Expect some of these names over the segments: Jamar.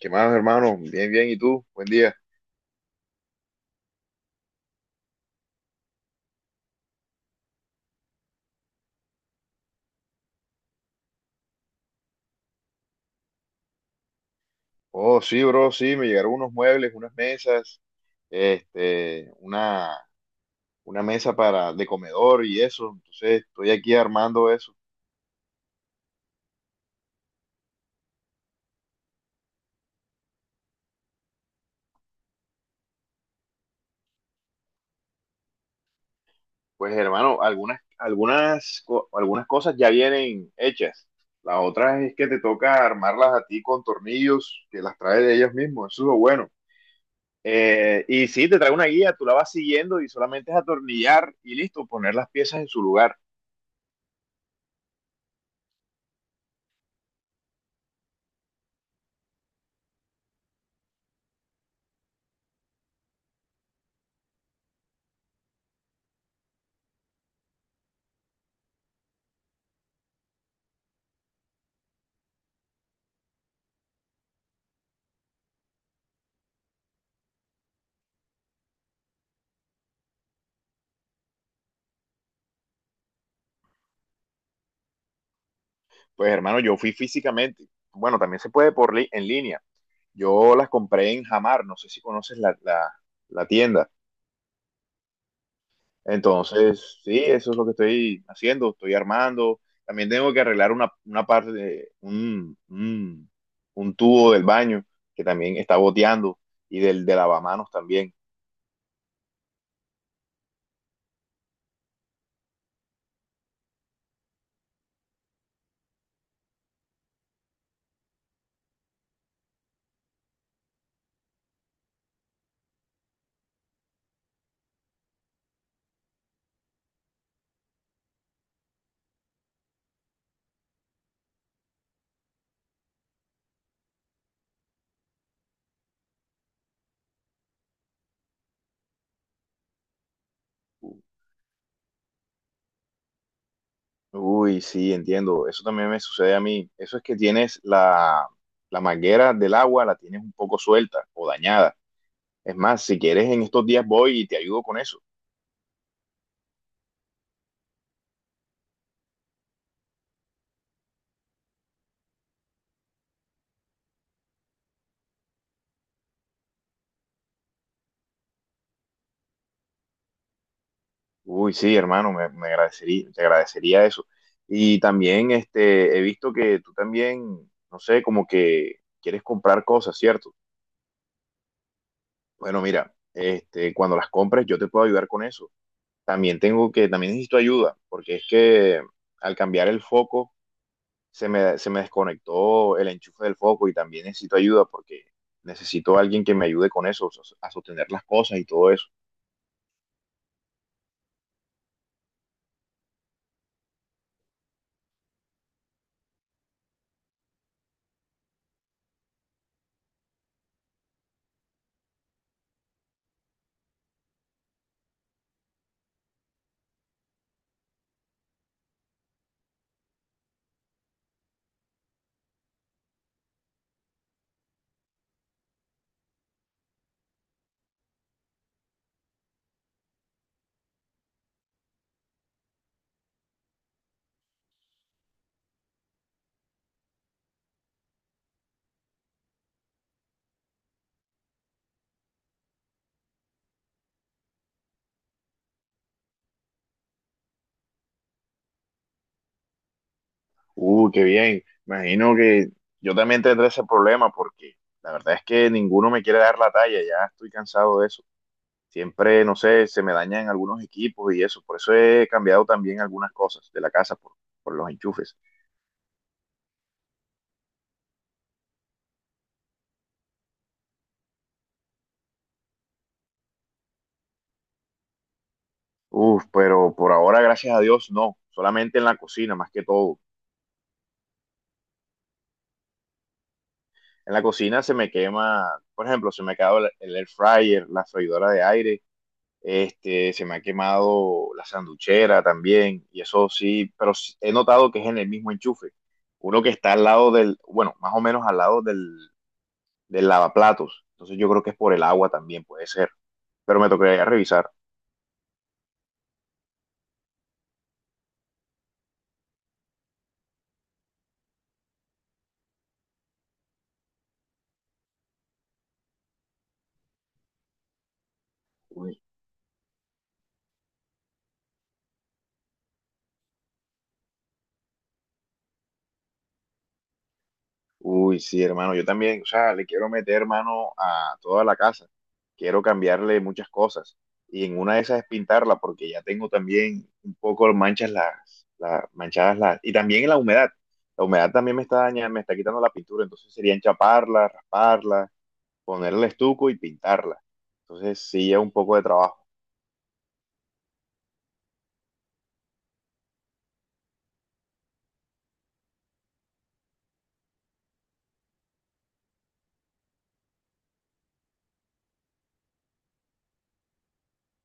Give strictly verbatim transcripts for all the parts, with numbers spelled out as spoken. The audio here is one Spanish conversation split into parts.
¿Qué más, hermano? Bien, bien. ¿Y tú? Buen día. Oh, sí, bro, sí, me llegaron unos muebles, unas mesas, este, una, una mesa para de comedor y eso. Entonces, estoy aquí armando eso. Pues, hermano, algunas, algunas, co- algunas cosas ya vienen hechas. Las otras es que te toca armarlas a ti con tornillos que las trae de ellos mismos. Eso es lo bueno. Eh, y sí, te trae una guía, tú la vas siguiendo y solamente es atornillar y listo, poner las piezas en su lugar. Pues hermano, yo fui físicamente. Bueno, también se puede por li- en línea. Yo las compré en Jamar, no sé si conoces la, la- la tienda. Entonces, sí, eso es lo que estoy haciendo, estoy armando. También tengo que arreglar una, una parte de un, un- un tubo del baño que también está goteando y del de lavamanos también. Uy, sí, entiendo. Eso también me sucede a mí. Eso es que tienes la, la manguera del agua, la tienes un poco suelta o dañada. Es más, si quieres, en estos días voy y te ayudo con eso. Uy, sí, hermano, me, me agradecería, te agradecería eso. Y también este, he visto que tú también, no sé, como que quieres comprar cosas, ¿cierto? Bueno, mira, este, cuando las compres yo te puedo ayudar con eso. También tengo que, también necesito ayuda, porque es que al cambiar el foco se me, se me desconectó el enchufe del foco y también necesito ayuda porque necesito a alguien que me ayude con eso, a sostener las cosas y todo eso. Uh, qué bien. Imagino que yo también tendré ese problema porque la verdad es que ninguno me quiere dar la talla, ya estoy cansado de eso. Siempre, no sé, se me dañan algunos equipos y eso. Por eso he cambiado también algunas cosas de la casa por, por los enchufes. Uf, pero por ahora, gracias a Dios, no. Solamente en la cocina, más que todo. En la cocina se me quema, por ejemplo, se me ha quedado el, el air fryer, la freidora de aire. Este, se me ha quemado la sanduchera también, y eso sí, pero sí- he notado que es en el mismo enchufe. Uno que está al lado del, bueno, más o menos al lado del, del lavaplatos. Entonces yo creo que es por el agua también, puede ser. Pero me tocaría revisar. Uy, sí, hermano, yo también, o sea, le quiero meter mano a toda la casa. Quiero cambiarle muchas cosas. Y en una de esas es pintarla, porque ya tengo también un poco manchas las, las manchadas las, y también la humedad. La humedad también me está dañando, me está quitando la pintura, entonces sería enchaparla, rasparla, ponerle estuco y pintarla. Entonces sí, es un poco de trabajo.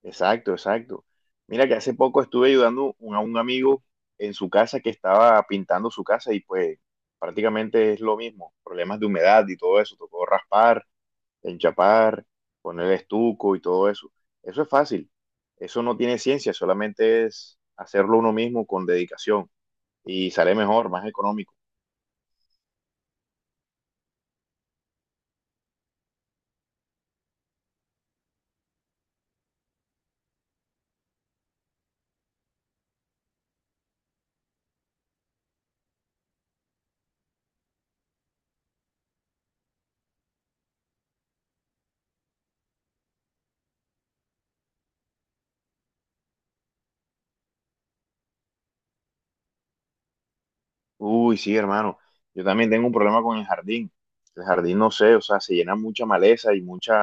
Exacto, exacto. Mira que hace poco estuve ayudando un- a un amigo en su casa que estaba pintando su casa y pues prácticamente es lo mismo, problemas de humedad y todo eso, tocó raspar, enchapar, poner estuco y todo eso. Eso es fácil, eso no tiene ciencia, solamente es hacerlo uno mismo con dedicación y sale mejor, más económico. Uy, sí, hermano, yo también tengo un problema con el jardín. El jardín, no sé, o sea, se llena mucha maleza y mucha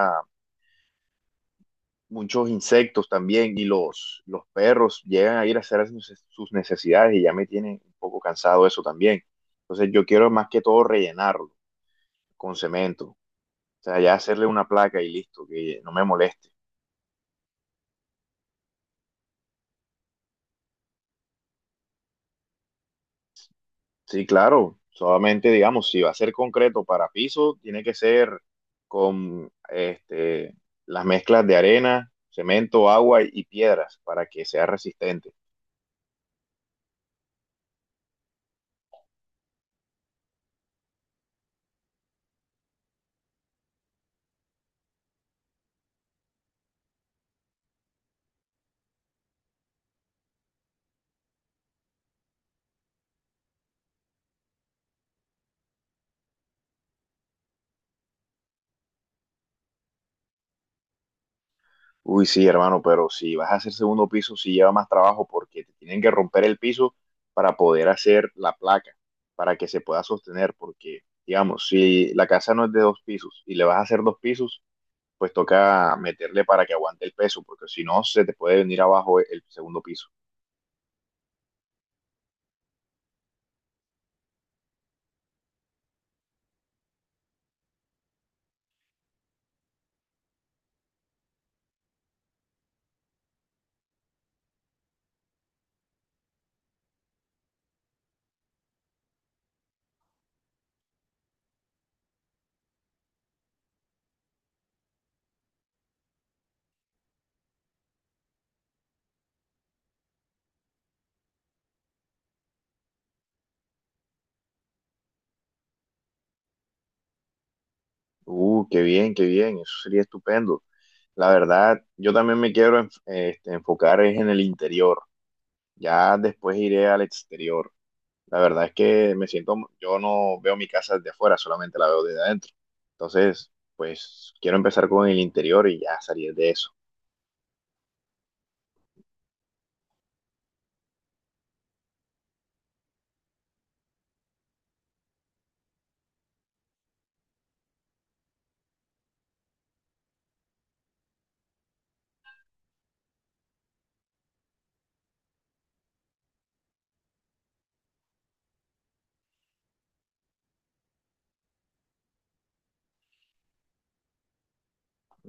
muchos insectos también y los, los perros llegan a ir a hacer sus sus necesidades y ya me tiene un poco cansado eso también. Entonces yo quiero más que todo rellenarlo con cemento. O sea, ya hacerle una placa y listo, que no me moleste. Sí, claro, solamente digamos, si va a ser concreto para piso, tiene que ser con este, las mezclas de arena, cemento, agua y piedras para que sea resistente. Uy, sí, hermano, pero si vas a hacer segundo piso, sí lleva más trabajo porque te tienen que romper el piso para poder hacer la placa, para que se pueda sostener, porque, digamos, si la casa no es de dos pisos y le vas a hacer dos pisos, pues toca meterle para que aguante el peso, porque si no, se te puede venir abajo e, el segundo piso. Uh, qué bien, qué bien, eso sería estupendo. La verdad, yo también me quiero enf- eh, este, enfocar es en el interior, ya después iré al exterior. La verdad es que me siento, yo no veo mi casa desde afuera, solamente la veo desde adentro. Entonces, pues quiero empezar con el interior y ya salir de eso.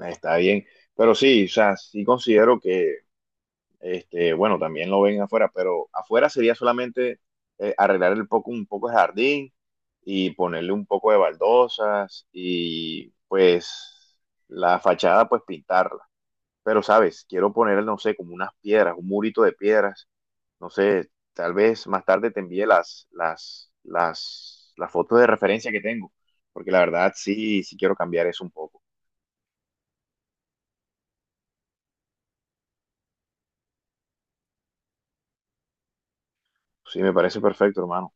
Está bien. Pero sí, o sea, sí considero que, este, bueno, también lo ven afuera, pero afuera sería solamente eh, arreglar el poco, un poco el jardín y ponerle un poco de baldosas y pues la fachada, pues pintarla. Pero, ¿sabes? Quiero poner no sé, como unas piedras, un murito de piedras no sé, tal vez más tarde te envíe las, las, las, las fotos de referencia que tengo, porque la verdad sí, sí quiero cambiar eso un poco. Sí, me parece perfecto, hermano.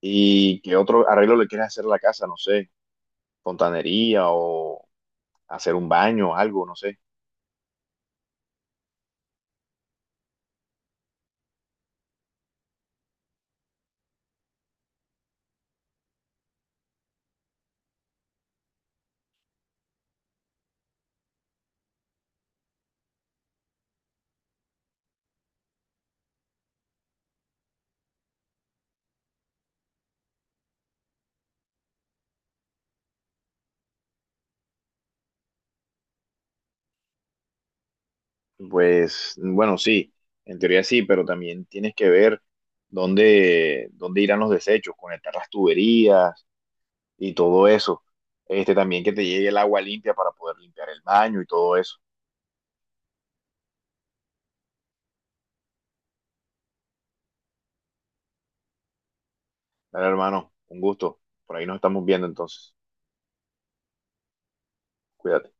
¿Y qué otro arreglo le quieres hacer a la casa? No sé, fontanería o hacer un baño, algo, no sé. Pues bueno, sí, en teoría sí, pero también tienes que ver dónde, dónde irán los desechos, conectar las tuberías y todo eso. Este, también que te llegue el agua limpia para poder limpiar el baño y todo eso. Dale, hermano, un gusto. Por ahí nos estamos viendo entonces. Cuídate.